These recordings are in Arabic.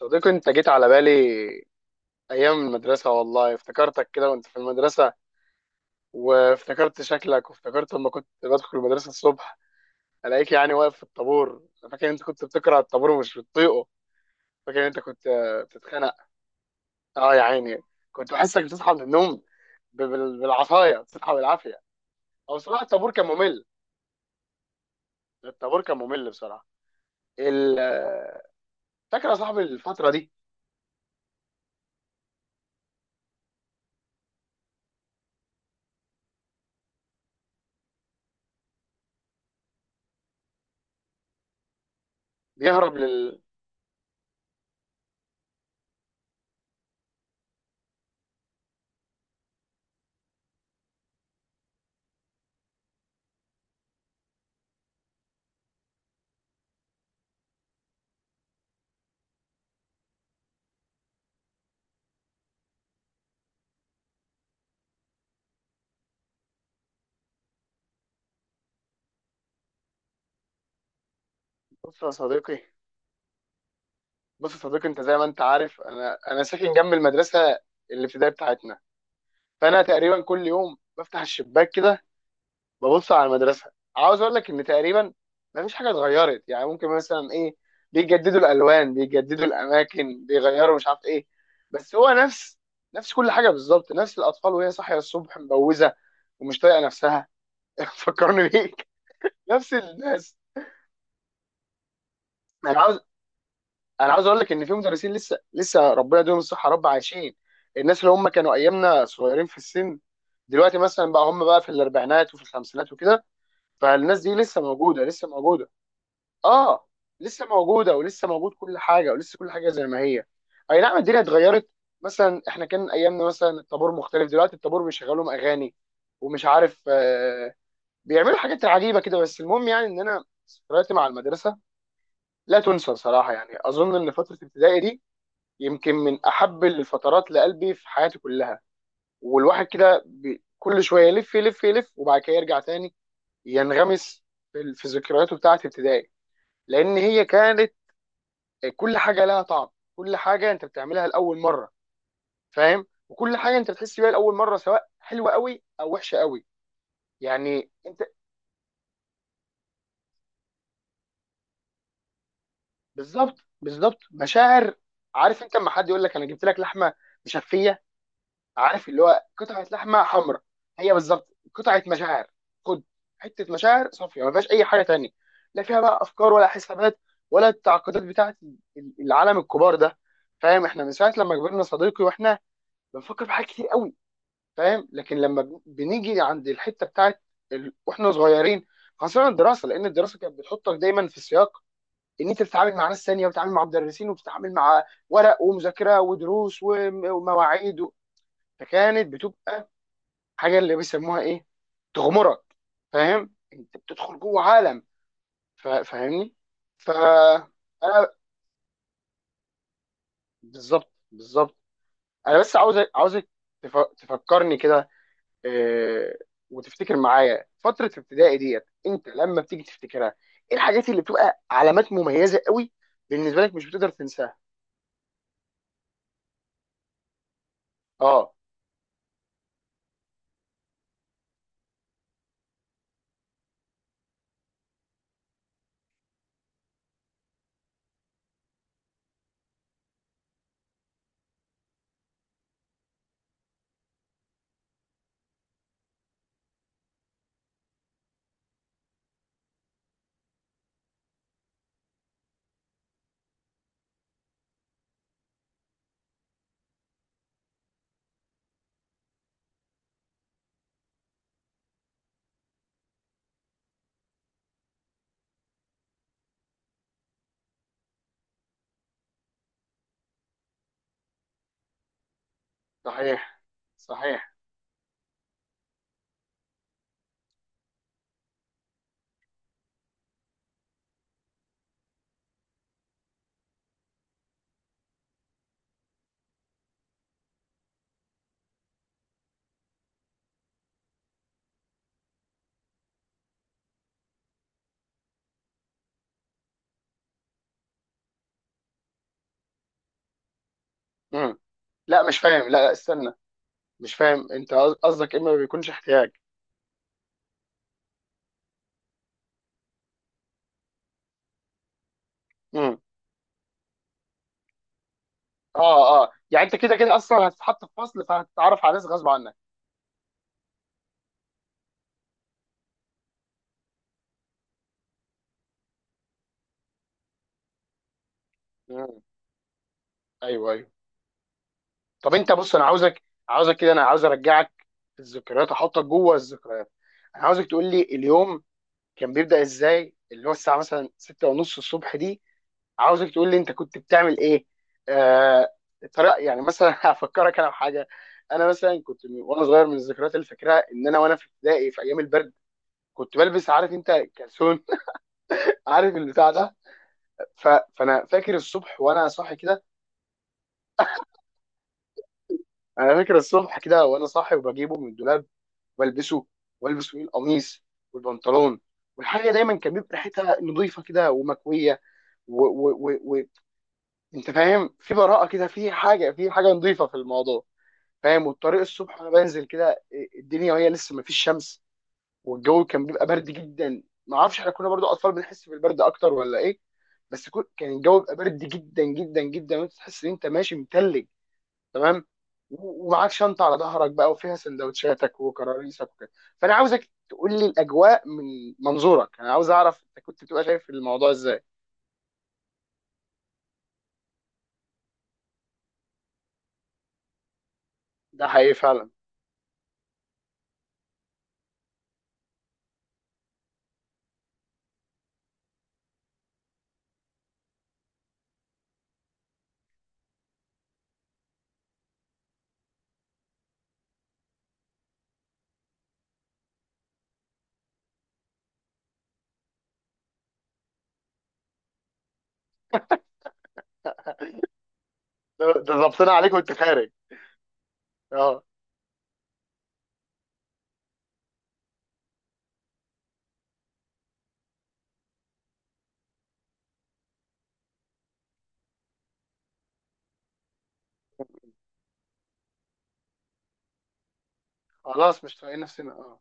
صديقي، انت جيت على بالي ايام المدرسه. والله افتكرتك كده وانت في المدرسه. وافتكرت شكلك، وافتكرت لما كنت بدخل المدرسه الصبح الاقيك يعني واقف في الطابور. انا فاكر انت كنت بتكره الطابور ومش بتطيقه. فاكر انت كنت بتتخنق. اه يا عيني، كنت بحسك بتصحى من النوم بالعصايه بتصحى بالعافيه. او بصراحه الطابور كان ممل. الطابور كان ممل بصراحه. ال- آه، فاكر يا صاحبي الفتره دي. بيهرب لل. بص يا صديقي، بص يا صديقي، انت زي ما انت عارف، انا ساكن جنب المدرسه الابتدائيه بتاعتنا. فانا تقريبا كل يوم بفتح الشباك كده، ببص على المدرسه. عاوز اقول لك ان تقريبا ما فيش حاجه اتغيرت، يعني ممكن مثلا ايه، بيجددوا الالوان، بيجددوا الاماكن، بيغيروا مش عارف ايه. بس هو نفس كل حاجه بالظبط، نفس الاطفال وهي صاحيه الصبح مبوزه ومش طايقه نفسها. فكرني بيك، نفس الناس. انا عاوز انا عاوز اقول لك ان في مدرسين لسه لسه ربنا يديهم الصحه يا رب عايشين، الناس اللي هم كانوا ايامنا صغيرين في السن، دلوقتي مثلا بقى هم بقى في الاربعينات وفي الخمسينات وكده. فالناس دي لسه موجوده، لسه موجوده. اه، لسه موجوده، ولسه موجود كل حاجه، ولسه كل حاجه زي ما هي. اي نعم، الدنيا اتغيرت. مثلا احنا كان ايامنا مثلا الطابور مختلف، دلوقتي الطابور بيشغلوا لهم اغاني ومش عارف بيعملوا حاجات عجيبه كده. بس المهم يعني ان انا ذكرياتي مع المدرسه لا تنسى صراحه، يعني اظن ان فتره ابتدائي دي يمكن من احب الفترات لقلبي في حياتي كلها. والواحد كده كل شويه يلف يلف يلف وبعد كده يرجع تاني، ينغمس في ذكرياته بتاعه ابتدائي، لان هي كانت كل حاجه لها طعم، كل حاجه انت بتعملها لاول مره، فاهم، وكل حاجه انت بتحس بيها لاول مره، سواء حلوه قوي او وحشه قوي. يعني انت، بالظبط، بالظبط، مشاعر. عارف انت لما حد يقول لك انا جبت لك لحمه مشفيه، عارف اللي هو قطعه لحمه حمراء، هي بالظبط قطعه مشاعر. خد حته مشاعر صافيه ما فيهاش اي حاجه تانية، لا فيها بقى افكار ولا حسابات ولا التعقيدات بتاعه العالم الكبار ده. فاهم؟ احنا من ساعه لما كبرنا صديقي واحنا بنفكر في حاجات كتير قوي. فاهم؟ لكن لما بنيجي عند الحته بتاعه واحنا صغيرين، خاصه الدراسه، لان الدراسه كانت بتحطك دايما في السياق ان انت بتتعامل مع ناس ثانيه، وبتتعامل مع مدرسين، وبتتعامل مع ورق ومذاكره ودروس ومواعيد. فكانت بتبقى حاجه اللي بيسموها ايه، تغمرك. فاهم؟ انت بتدخل جوه عالم، فاهمني؟ ف انا بالظبط، بالظبط. انا بس عاوزك تفكرني كده، آه، وتفتكر معايا فتره ابتدائي ديت. انت لما بتيجي تفتكرها ايه الحاجات اللي بتبقى علامات مميزه قوي بالنسبه لك مش بتقدر تنساها؟ اه، صحيح، صحيح. مم. لا مش فاهم، لا لا استنى، مش فاهم انت قصدك اما ما بيكونش احتياج. مم. اه، اه، يعني انت كده كده اصلا هتتحط في فصل فهتتعرف على ناس غصب عنك. مم. ايوه، ايوه. طب انت بص، انا عاوزك كده، انا عاوز ارجعك في الذكريات، احطك جوه الذكريات. انا عاوزك تقول لي، اليوم كان بيبدأ ازاي؟ اللي هو الساعه مثلا 6 ونص الصبح دي. عاوزك تقول لي انت كنت بتعمل ايه، آه الطريقه، يعني مثلا هفكرك انا بحاجه. انا مثلا وانا صغير من الذكريات اللي فاكرها ان انا وانا في ابتدائي في ايام البرد كنت بلبس، عارف انت، كلسون. عارف البتاع ده؟ ف... فانا فاكر الصبح وانا صاحي كده. انا فاكر الصبح كده وانا صاحي وبجيبه من الدولاب والبسه، والبس فيه القميص والبنطلون، والحاجه دايما كان بيبقى ريحتها نظيفه كده ومكويه. و... و... و... و... انت فاهم؟ في براءه كده، في حاجه نظيفه في الموضوع. فاهم؟ والطريق الصبح وانا بنزل كده، الدنيا وهي لسه ما فيش شمس، والجو كان بيبقى برد جدا. ما اعرفش احنا كنا برضو اطفال بنحس بالبرد اكتر ولا ايه، بس كان الجو بيبقى برد جدا جدا جدا، وانت تحس ان انت ماشي متلج. تمام. و- ومعاك شنطه على ظهرك بقى وفيها سندوتشاتك وكراريسك وكده. فانا عاوزك تقول لي الاجواء من منظورك، انا عاوز اعرف انت كنت بتبقى شايف الموضوع ازاي. ده حقيقي فعلا. ده ضبطنا عليك وانت خارج. اه، خلاص مش طايقين نفسنا. اه،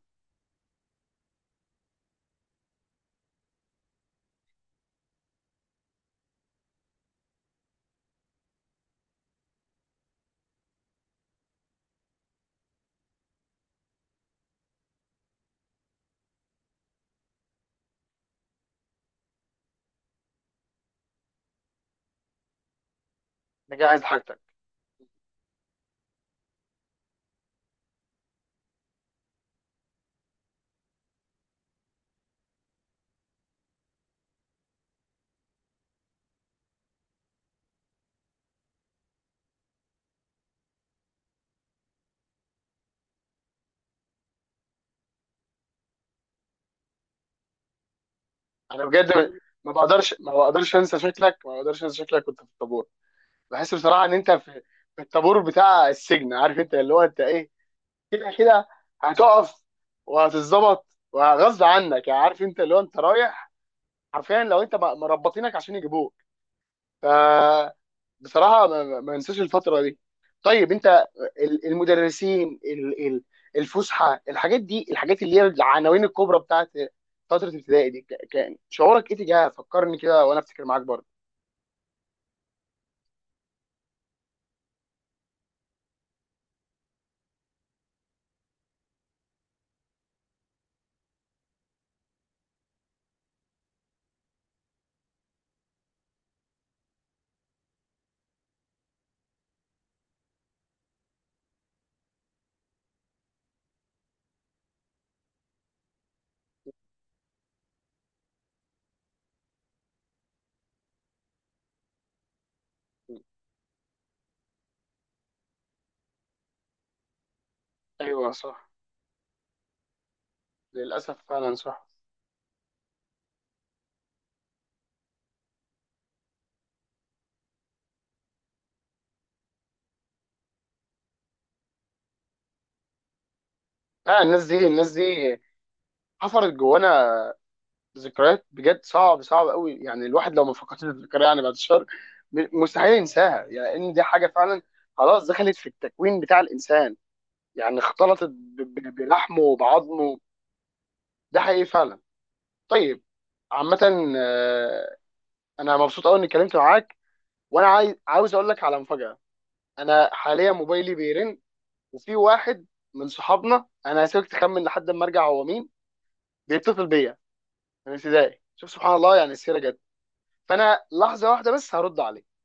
نجهز حاجتك. انا بجد، ما بقدرش انسى شكلك، ما بقدرش انسى شكلك كنت في الطابور. بحس بصراحه ان انت في الطابور بتاع السجن، عارف انت اللي هو انت ايه، كده كده هتقف، وهتتظبط، وغصب عنك، يعني عارف انت اللي هو انت رايح حرفيا، لو انت مربطينك عشان يجيبوك. ف بصراحه ما انساش الفتره دي. طيب، انت المدرسين، الفسحه، الحاجات دي، الحاجات اللي هي العناوين الكبرى بتاعت فتره ابتدائي دي، كان شعورك ايه تجاهها؟ فكرني كده وانا افتكر معاك برضه. ايوه، صح. للاسف فعلا، صح. فعلا، الناس دي، الناس دي حفرت جوانا ذكريات، بجد صعب، صعب قوي، يعني الواحد لو ما فكرش يفتكرها، يعني بعد الشر، مستحيل ينساها. يعني ان دي حاجه فعلا خلاص دخلت في التكوين بتاع الانسان، يعني اختلطت بلحمه وبعظمه. ده حقيقي فعلا. طيب، عامه، آه، انا مبسوط قوي اني اتكلمت معاك، وانا عاوز اقول لك على مفاجاه. انا حاليا موبايلي بيرن، وفي واحد من صحابنا، انا هسيبك تخمن لحد ما ارجع هو مين بيتصل بيا، من ابتدائي. شوف سبحان الله، يعني السيره جت. فانا لحظه واحده بس، هرد عليه.